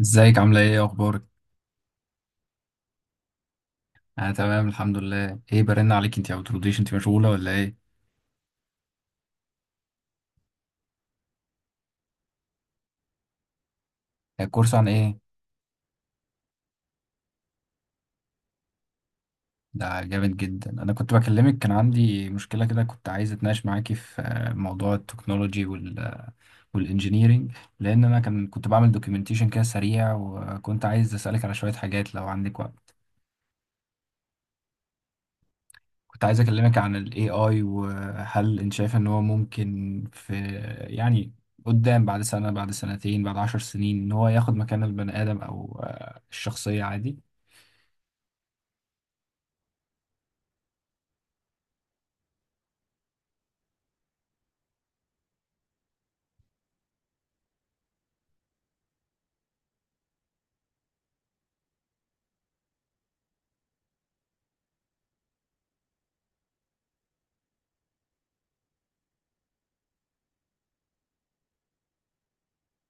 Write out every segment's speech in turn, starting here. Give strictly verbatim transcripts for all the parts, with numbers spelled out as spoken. ازيك عاملة ايه اخبارك؟ انا تمام الحمد لله، ايه برن عليك؟ انت ما بترديش، انت مشغولة ولا ايه؟ الكورس عن ايه؟ ده جامد جدا. انا كنت بكلمك، كان عندي مشكلة كده، كنت عايز اتناقش معاكي في آه، موضوع التكنولوجي وال والانجينيرينج، لان انا كان كنت بعمل دوكيومنتيشن كده سريع وكنت عايز اسألك على شوية حاجات لو عندك وقت. كنت عايز اكلمك عن ال A I، وهل انت شايف ان هو ممكن في، يعني، قدام، بعد سنة، بعد سنتين، بعد عشر سنين، ان هو ياخد مكان البني ادم او آه، الشخصية عادي.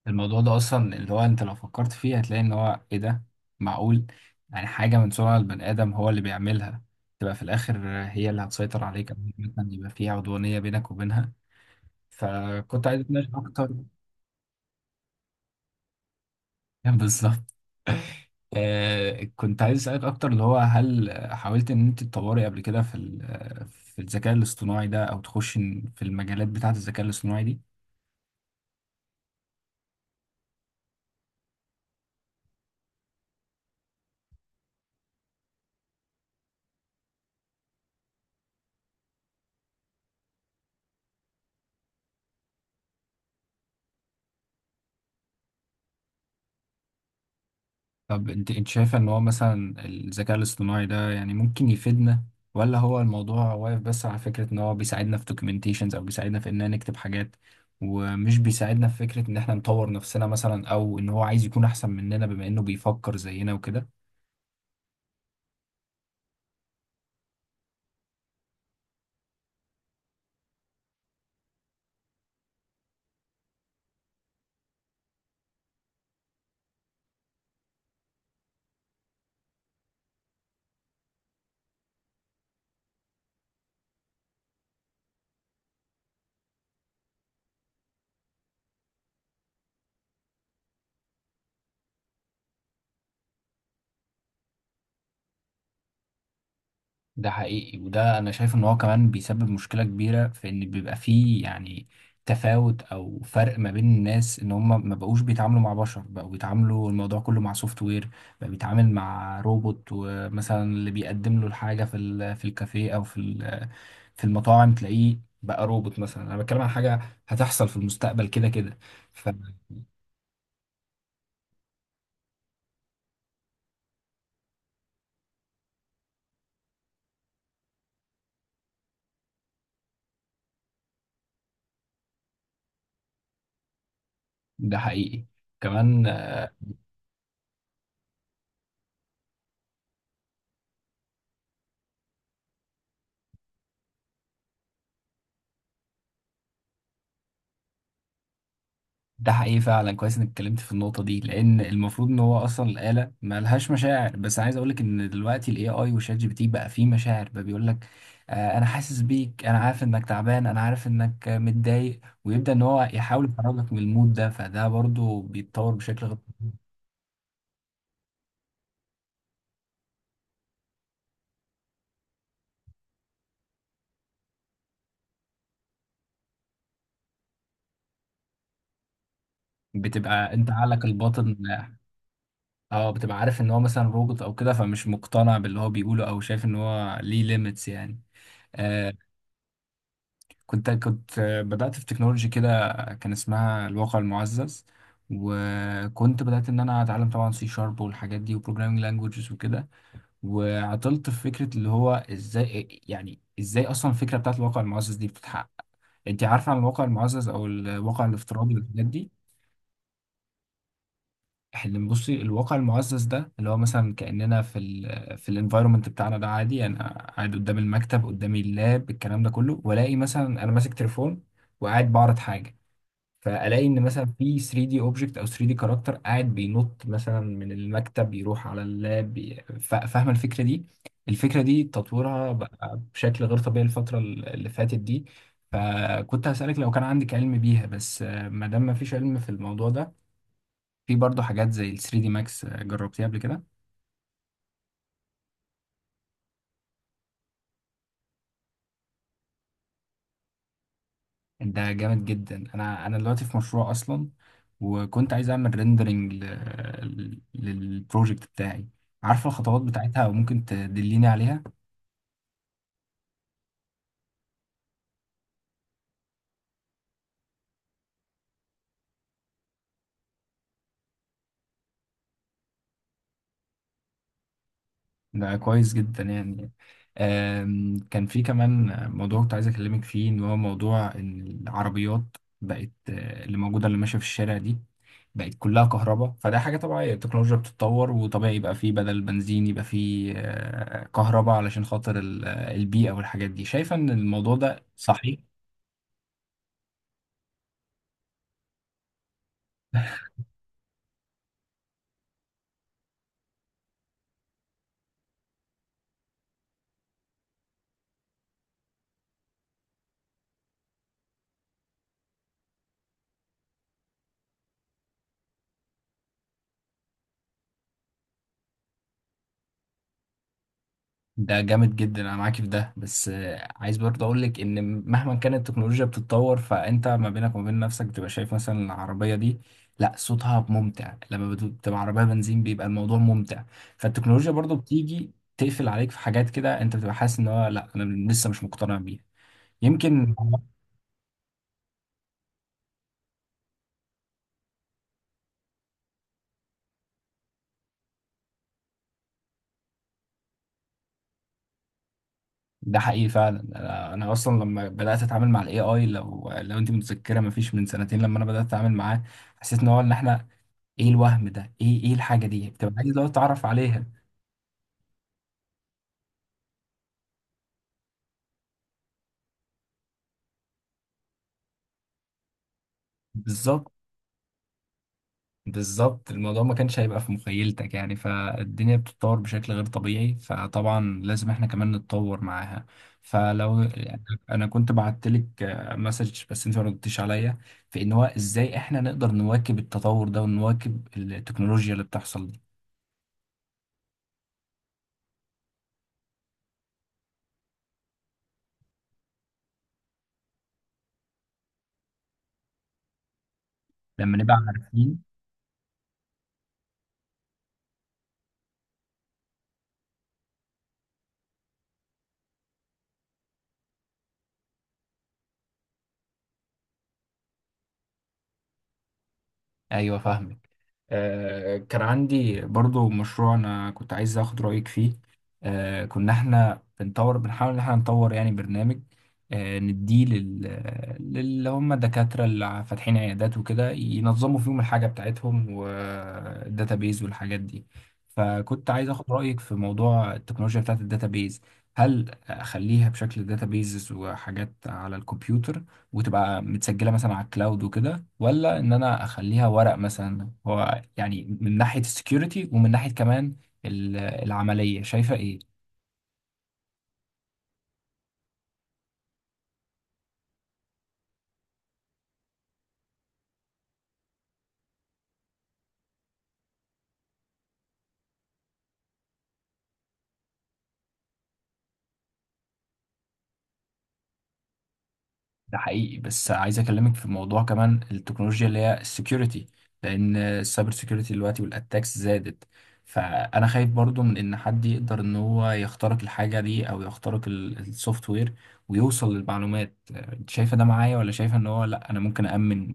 الموضوع ده اصلا اللي هو انت لو فكرت فيه هتلاقي ان هو ايه ده، معقول يعني حاجة من صنع البني ادم هو اللي بيعملها تبقى في الاخر هي اللي هتسيطر عليك او مثلا يبقى فيها عدوانية بينك وبينها؟ فكنت عايز اتناقش اكتر. بالظبط. آه، كنت عايز أسألك أكتر، اللي هو هل آه، حاولت إن أنت تطوري قبل كده في ال- آه، في الذكاء الاصطناعي ده، أو تخش في المجالات بتاعة الذكاء الاصطناعي دي؟ طب أنت أنت شايفة إن هو مثلا الذكاء الاصطناعي ده يعني ممكن يفيدنا، ولا هو الموضوع واقف بس على فكرة إن هو بيساعدنا في دوكيومنتيشنز أو بيساعدنا في إننا نكتب حاجات، ومش بيساعدنا في فكرة إن إحنا نطور نفسنا مثلا، أو إن هو عايز يكون أحسن مننا بما إنه بيفكر زينا وكده؟ ده حقيقي، وده انا شايف ان هو كمان بيسبب مشكلة كبيرة في ان بيبقى فيه، يعني، تفاوت او فرق ما بين الناس، ان هم ما بقوش بيتعاملوا مع بشر، بقوا بيتعاملوا الموضوع كله مع سوفت وير، بقى بيتعامل مع روبوت. ومثلا اللي بيقدم له الحاجة في ال- في الكافيه او في ال- في المطاعم تلاقيه بقى روبوت مثلا. انا بتكلم عن حاجة هتحصل في المستقبل كده كده، فده حقيقي كمان. ده حقيقي فعلا، كويس انك اتكلمت في النقطة دي، لأن المفروض إن هو أصلا الآلة مالهاش مشاعر. بس عايز أقولك إن دلوقتي ال إيه آي وشات جي بي تي بقى فيه مشاعر، بقى بيقولك آه أنا حاسس بيك، أنا عارف إنك تعبان، أنا عارف إنك آه، متضايق، ويبدأ إن هو يحاول يخرجك من المود ده، فده برضو بيتطور بشكل غ- بتبقى أنت عقلك الباطن. أه بتبقى عارف إن هو مثلا روبوت أو كده، فمش مقتنع باللي هو بيقوله، أو شايف إن هو ليه ليميتس يعني. آه، كنت كنت بدأت في تكنولوجي كده، كان اسمها الواقع المعزز، وكنت بدأت إن أنا أتعلم طبعا سي شارب والحاجات دي وبروجرامينج لانجوجز وكده، وعطلت في فكرة اللي هو إزاي، يعني إزاي أصلا الفكرة بتاعت الواقع المعزز دي بتتحقق. أنت عارفة عن الواقع المعزز أو الواقع الافتراضي والحاجات دي؟ اللي بصي، الواقع المعزز ده اللي هو مثلا كأننا في ال في الانفايرمنت بتاعنا ده عادي، يعني أنا قاعد قدام المكتب، قدامي اللاب، الكلام ده كله، وألاقي مثلا أنا ماسك تليفون وقاعد بعرض حاجة، فالاقي ان مثلا في ثري دي اوبجكت او ثري دي كاركتر قاعد بينط مثلا من المكتب يروح على اللاب، ي- فا- فاهمه الفكره دي؟ الفكره دي تطورها بقى بشكل غير طبيعي الفتره ال- اللي فاتت دي. فكنت هسالك لو كان عندك علم بيها، بس آه، ما دام ما فيش علم في الموضوع ده، في برضه حاجات زي ال ثري دي ماكس، آه، جربتيها قبل كده؟ ده جامد جدا. انا انا دلوقتي في مشروع اصلا، وكنت عايز اعمل ريندرنج للبروجكت بتاعي. عارفه الخطوات بتاعتها وممكن تدليني عليها؟ ده كويس جدا يعني. آم، كان في كمان موضوع كنت عايز اكلمك فيه، ان هو موضوع ان العربيات بقت، آه، اللي موجوده اللي ماشيه في الشارع دي، بقت كلها كهرباء. فده حاجه طبيعيه، التكنولوجيا بتتطور، وطبيعي يبقى فيه بدل بنزين يبقى فيه آه، كهرباء علشان خاطر ال- آه، البيئه والحاجات دي. شايفه ان الموضوع ده صحيح؟ ده جامد جدا، انا معاك في ده، بس آه، عايز برضه اقول لك ان مهما كانت التكنولوجيا بتتطور، فانت ما بينك وما بين نفسك بتبقى شايف مثلا العربيه دي، لا، صوتها ممتع لما بت- بتبقى عربيه بنزين بيبقى الموضوع ممتع. فالتكنولوجيا برضه بتيجي تقفل عليك في حاجات كده، انت بتبقى حاسس ان هو لا، انا لسه مش مقتنع بيها يمكن. ده حقيقي فعلا. انا أنا اصلا لما بدات اتعامل مع الاي اي، لو لو انت متذكره ما فيش من سنتين لما انا بدات اتعامل معاه، حسيت ان هو ان احنا، ايه الوهم ده، ايه ايه الحاجه دي، بتبقى عايز لو تعرف عليها. بالظبط. بالظبط، الموضوع ما كانش هيبقى في مخيلتك يعني، فالدنيا بتتطور بشكل غير طبيعي، فطبعا لازم احنا كمان نتطور معاها. فلو يعني، انا كنت بعت لك مسج بس انت ما ردتيش عليا في ان هو ازاي احنا نقدر نواكب التطور ده ونواكب التكنولوجيا اللي بتحصل دي. لما نبقى عارفين. ايوه فاهمك. آه، كان عندي برضو مشروع انا كنت عايز اخد رأيك فيه. آه، كنا احنا بنطور، بنحاول ان احنا نطور يعني برنامج، آه، نديه لل للي هم الدكاترة اللي فاتحين عيادات وكده، ينظموا فيهم الحاجة بتاعتهم والداتابيز والحاجات دي. فكنت عايز اخد رأيك في موضوع التكنولوجيا بتاعت الداتابيز، هل اخليها بشكل داتابيز وحاجات على الكمبيوتر وتبقى متسجلة مثلا على الكلاود وكده، ولا ان انا اخليها ورق مثلا؟ هو يعني من ناحية السكيورتي ومن ناحية كمان ال- العملية شايفة ايه؟ ده حقيقي، بس عايز اكلمك في موضوع كمان، التكنولوجيا اللي هي السكيورتي. لان السايبر سكيورتي دلوقتي والاتاكس زادت، فانا خايف برضو من ان حد يقدر ان هو يخترق الحاجة دي او يخترق السوفت وير ويوصل للمعلومات. أنت شايفة ده معايا ولا شايفة ان هو لا، انا ممكن أأمن؟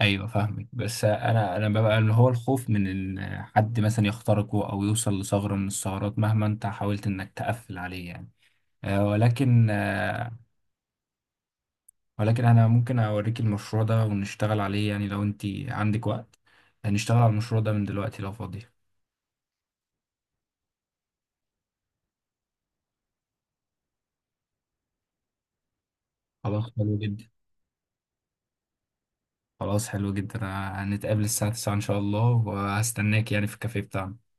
ايوه فاهمك، بس انا انا ببقى اللي هو الخوف من ان حد مثلا يخترقه او يوصل لثغره من الثغرات مهما انت حاولت انك تقفل عليه يعني، آه، ولكن آه، ولكن انا ممكن اوريك المشروع ده ونشتغل عليه يعني لو انت عندك وقت. هنشتغل على المشروع ده من دلوقتي لو فاضية. خلاص حلو جدا. خلاص حلو جدا، أنا- هنتقابل الساعة تسعة ان شاء الله، وهستناك يعني في الكافيه بتاعنا.